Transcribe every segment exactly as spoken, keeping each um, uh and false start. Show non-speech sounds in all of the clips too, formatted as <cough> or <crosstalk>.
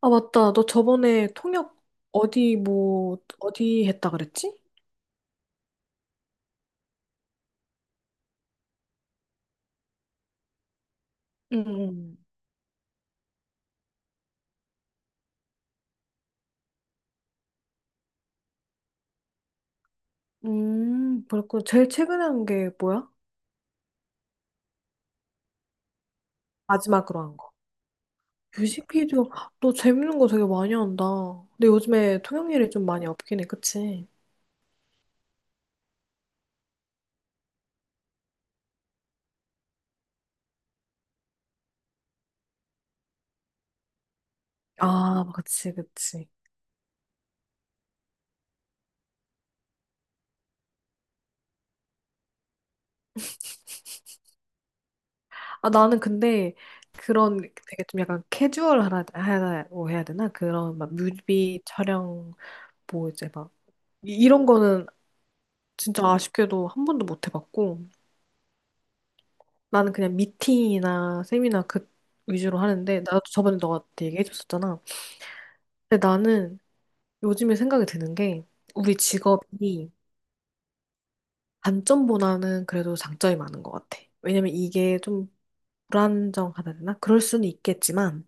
아, 맞다. 너 저번에 통역 어디 뭐 어디 했다 그랬지? 응. 응. 음, 그렇고 제일 최근에 한 게 뭐야? 마지막으로 한 거. 뮤직비디오. 너 재밌는 거 되게 많이 한다. 근데 요즘에 통역 일이 좀 많이 없긴 해. 그치? 아, 그치, 그치. 아, 나는 근데 그런 되게 좀 약간 캐주얼하다고 해야 되나? 그런 막 뮤비 촬영 뭐 이제 막 이- 이런 거는 진짜 아쉽게도 한 번도 못 해봤고. 나는 그냥 미팅이나 세미나 그 위주로 하는데 나도 저번에 너가 얘기해줬었잖아. 근데 나는 요즘에 생각이 드는 게 우리 직업이 단점보다는 그래도 장점이 많은 것 같아. 왜냐면 이게 좀 불안정하다 해야 되나? 그럴 수는 있겠지만,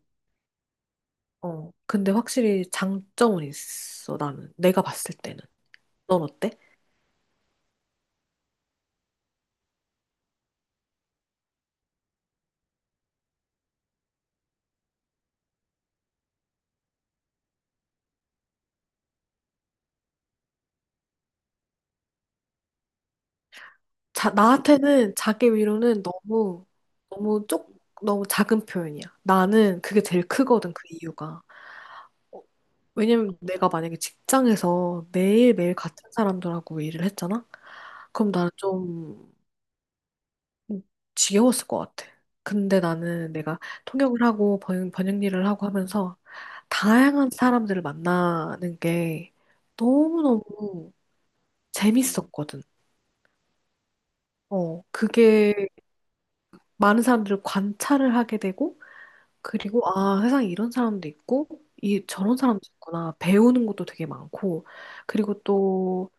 어, 근데 확실히 장점은 있어, 나는. 내가 봤을 때는. 넌 어때? 자, 나한테는 자기 위로는 너무, 너무 쪽, 너무 작은 표현이야. 나는 그게 제일 크거든, 그 이유가. 어, 왜냐면 내가 만약에 직장에서 매일매일 같은 사람들하고 일을 했잖아? 그럼 나는 좀 지겨웠을 것 같아. 근데 나는 내가 통역을 하고 번, 번역 일을 하고 하면서 다양한 사람들을 만나는 게 너무너무 재밌었거든. 어, 그게 많은 사람들을 관찰을 하게 되고, 그리고 아, 세상에 이런 사람도 있고, 이 저런 사람도 있구나. 배우는 것도 되게 많고, 그리고 또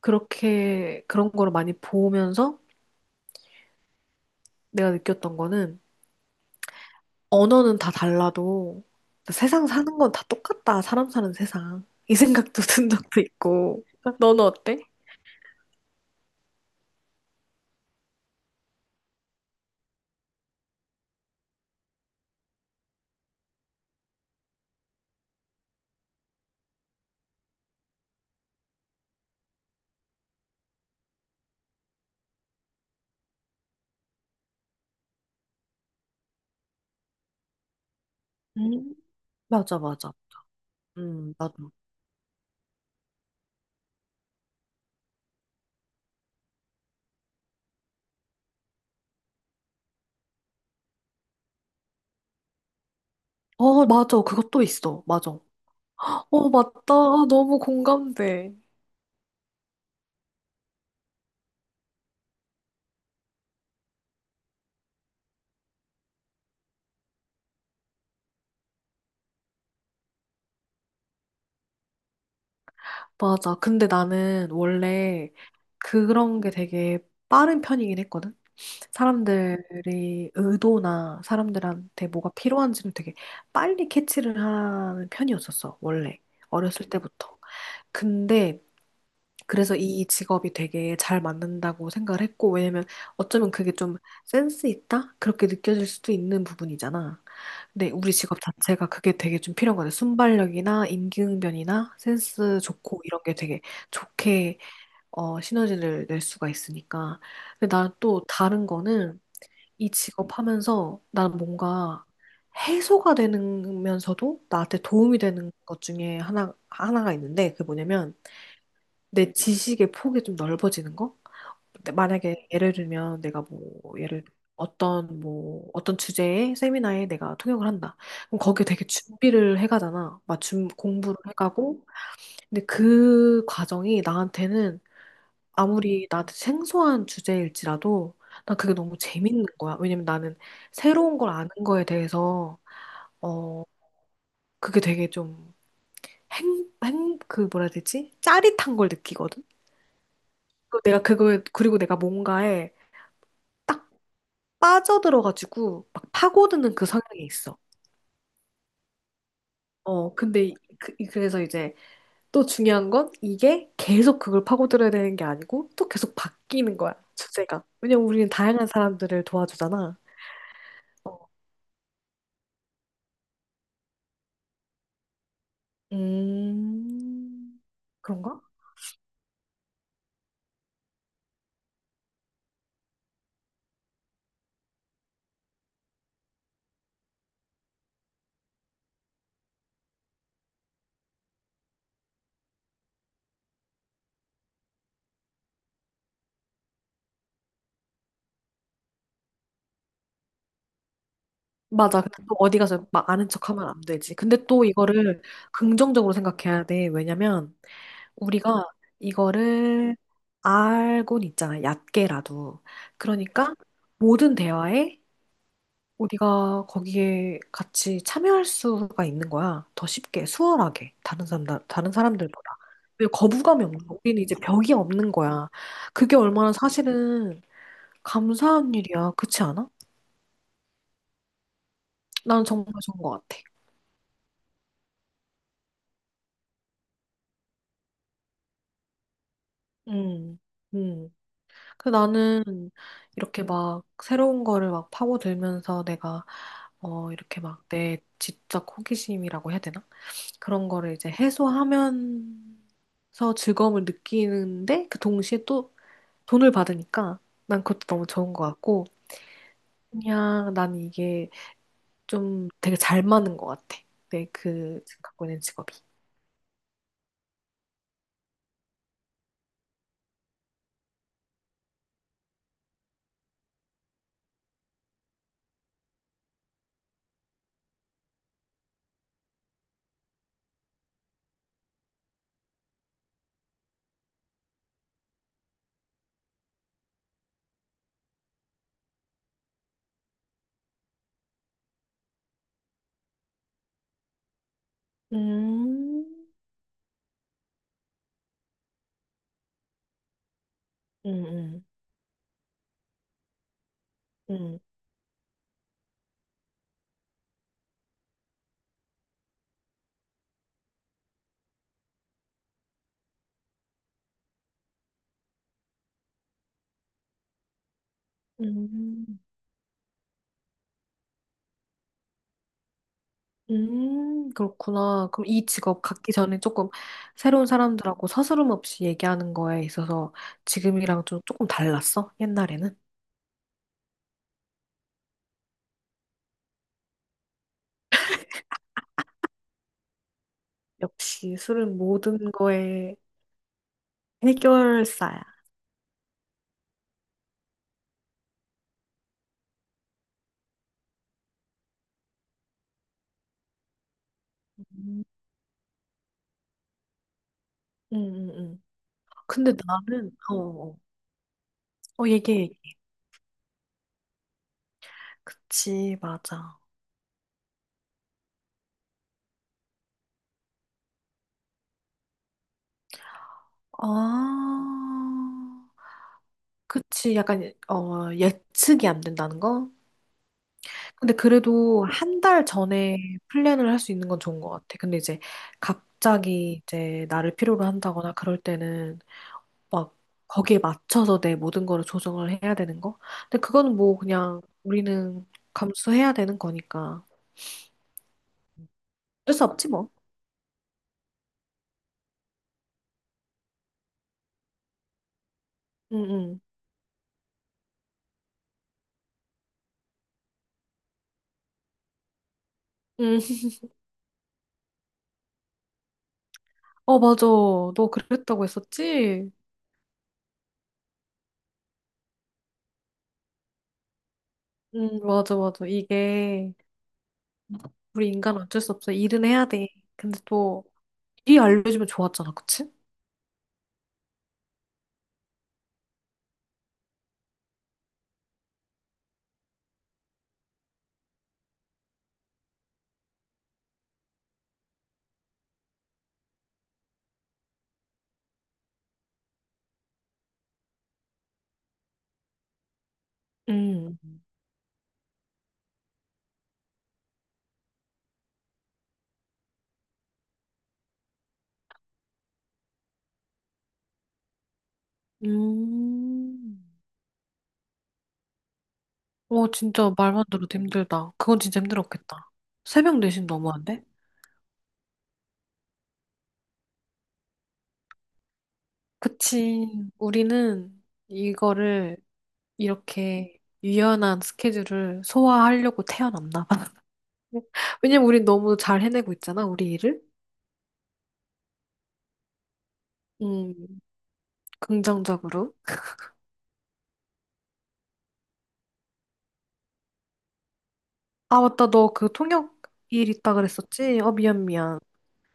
그렇게 그런 거를 많이 보면서 내가 느꼈던 거는 언어는 다 달라도 세상 사는 건 다 똑같다. 사람 사는 세상. 이 생각도 <laughs> 든 적도 있고. 너는 어때? 음, 맞아, 맞아. 음, 나도. 어, 맞아. 그것도 있어. 맞아. 어, 맞다. 아, 너무 공감돼. 맞아. 근데 나는 원래 그런 게 되게 빠른 편이긴 했거든. 사람들의 의도나 사람들한테 뭐가 필요한지를 되게 빨리 캐치를 하는 편이었었어, 원래. 어렸을 때부터. 근데 그래서 이 직업이 되게 잘 맞는다고 생각을 했고, 왜냐면 어쩌면 그게 좀 센스 있다? 그렇게 느껴질 수도 있는 부분이잖아. 근데 우리 직업 자체가 그게 되게 좀 필요한 거같 순발력이나 임기응변이나 센스 좋고 이런 게 되게 좋게 어, 시너지를 낼 수가 있으니까. 근데 난 또 다른 거는 이 직업 하면서 난 뭔가 해소가 되면서도 나한테 도움이 되는 것 중에 하나, 하나가 있는데 그게 뭐냐면 내 지식의 폭이 좀 넓어지는 거? 근데 만약에 예를 들면 내가 뭐 예를 어떤 뭐 어떤 주제의 세미나에 내가 통역을 한다. 그럼 거기에 되게 준비를 해가잖아. 막 준- 공부를 해가고. 근데 그 과정이 나한테는 아무리 나한테 생소한 주제일지라도 난 그게 너무 재밌는 거야. 왜냐면 나는 새로운 걸 아는 거에 대해서 어 그게 되게 좀 행, 행, 그 뭐라 해야 되지? 짜릿한 걸 느끼거든. 그리고 내가 그거에 그리고 내가 뭔가에 딱 빠져들어가지고 막 파고드는 그 성향이 있어. 어 근데 이- 그, 그래서 이제 또 중요한 건 이게 계속 그걸 파고들어야 되는 게 아니고 또 계속 바뀌는 거야 주제가. 왜냐면 우리는 다양한 사람들을 도와주잖아. 어, 음, 그런가? 맞아. 근데 또 어디 가서 막 아는 척 하면 안 되지. 근데 또 이거를 긍정적으로 생각해야 돼. 왜냐면 우리가 이거를 알고는 있잖아. 얕게라도. 그러니까 모든 대화에 우리가 거기에 같이 참여할 수가 있는 거야. 더 쉽게, 수월하게. 다른 사람들, 다른 사람들보다. 왜 거부감이 없는 거야. 우리는 이제 벽이 없는 거야. 그게 얼마나 사실은 감사한 일이야. 그렇지 않아? 나는 정말 좋은 것 같아. 음, 음, 그 나는 이렇게 막 새로운 거를 막 파고들면서 내가 어 이렇게 막 내 지적 호기심이라고 해야 되나? 그런 거를 이제 해소하면서 즐거움을 느끼는데 그 동시에 또 돈을 받으니까 난 그것도 너무 좋은 것 같고 그냥 난 이게 좀 되게 잘 맞는 것 같아. 내그 지금 갖고 있는 직업이. 음, 음, 음, 음. 음. 음, 그렇구나. 그럼 이 직업 갖기 전에 조금 새로운 사람들하고 서스름 없이 얘기하는 거에 있어서 지금이랑 좀 조금 달랐어? 옛날에는? 역시 술은 모든 거의 해결사야. 음, 음, 음. 음. 근데 나는, 어, 어, 어, 얘기해. 얘기해. 그치, 맞아. 아, 그치. 약간, 어, 예측이 안 된다는 거? 근데 그래도 한 달 전에 플랜을 할 수 있는 건 좋은 것 같아. 근데 이제 갑자기 이제 나를 필요로 한다거나 그럴 때는 막 거기에 맞춰서 내 모든 거를 조정을 해야 되는 거? 근데 그거는 뭐 그냥 우리는 감수해야 되는 거니까. 어쩔 수 없지 뭐. 응응. 응. 응. 어, 맞아. 너 그랬다고 했었지? 응, 맞아, 맞아. 이게 우리 인간은 어쩔 수 없어. 일은 해야 돼. 근데 또일 알려주면 좋았잖아, 그치? 응. 음. 오, 진짜 말만 들어도 힘들다. 그건 진짜 힘들었겠다. 새벽 네 시 너무한데? 그치. 우리는 이거를 이렇게 유연한 스케줄을 소화하려고 태어났나 봐. <laughs> 왜냐면 우린 너무 잘 해내고 있잖아, 우리 일을. 음, 긍정적으로. 아, 맞다. 너 그 통역 일 있다 그랬었지? 어, 미안, 미안.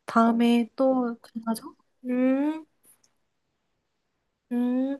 다음에 또 만나자. 음, 음.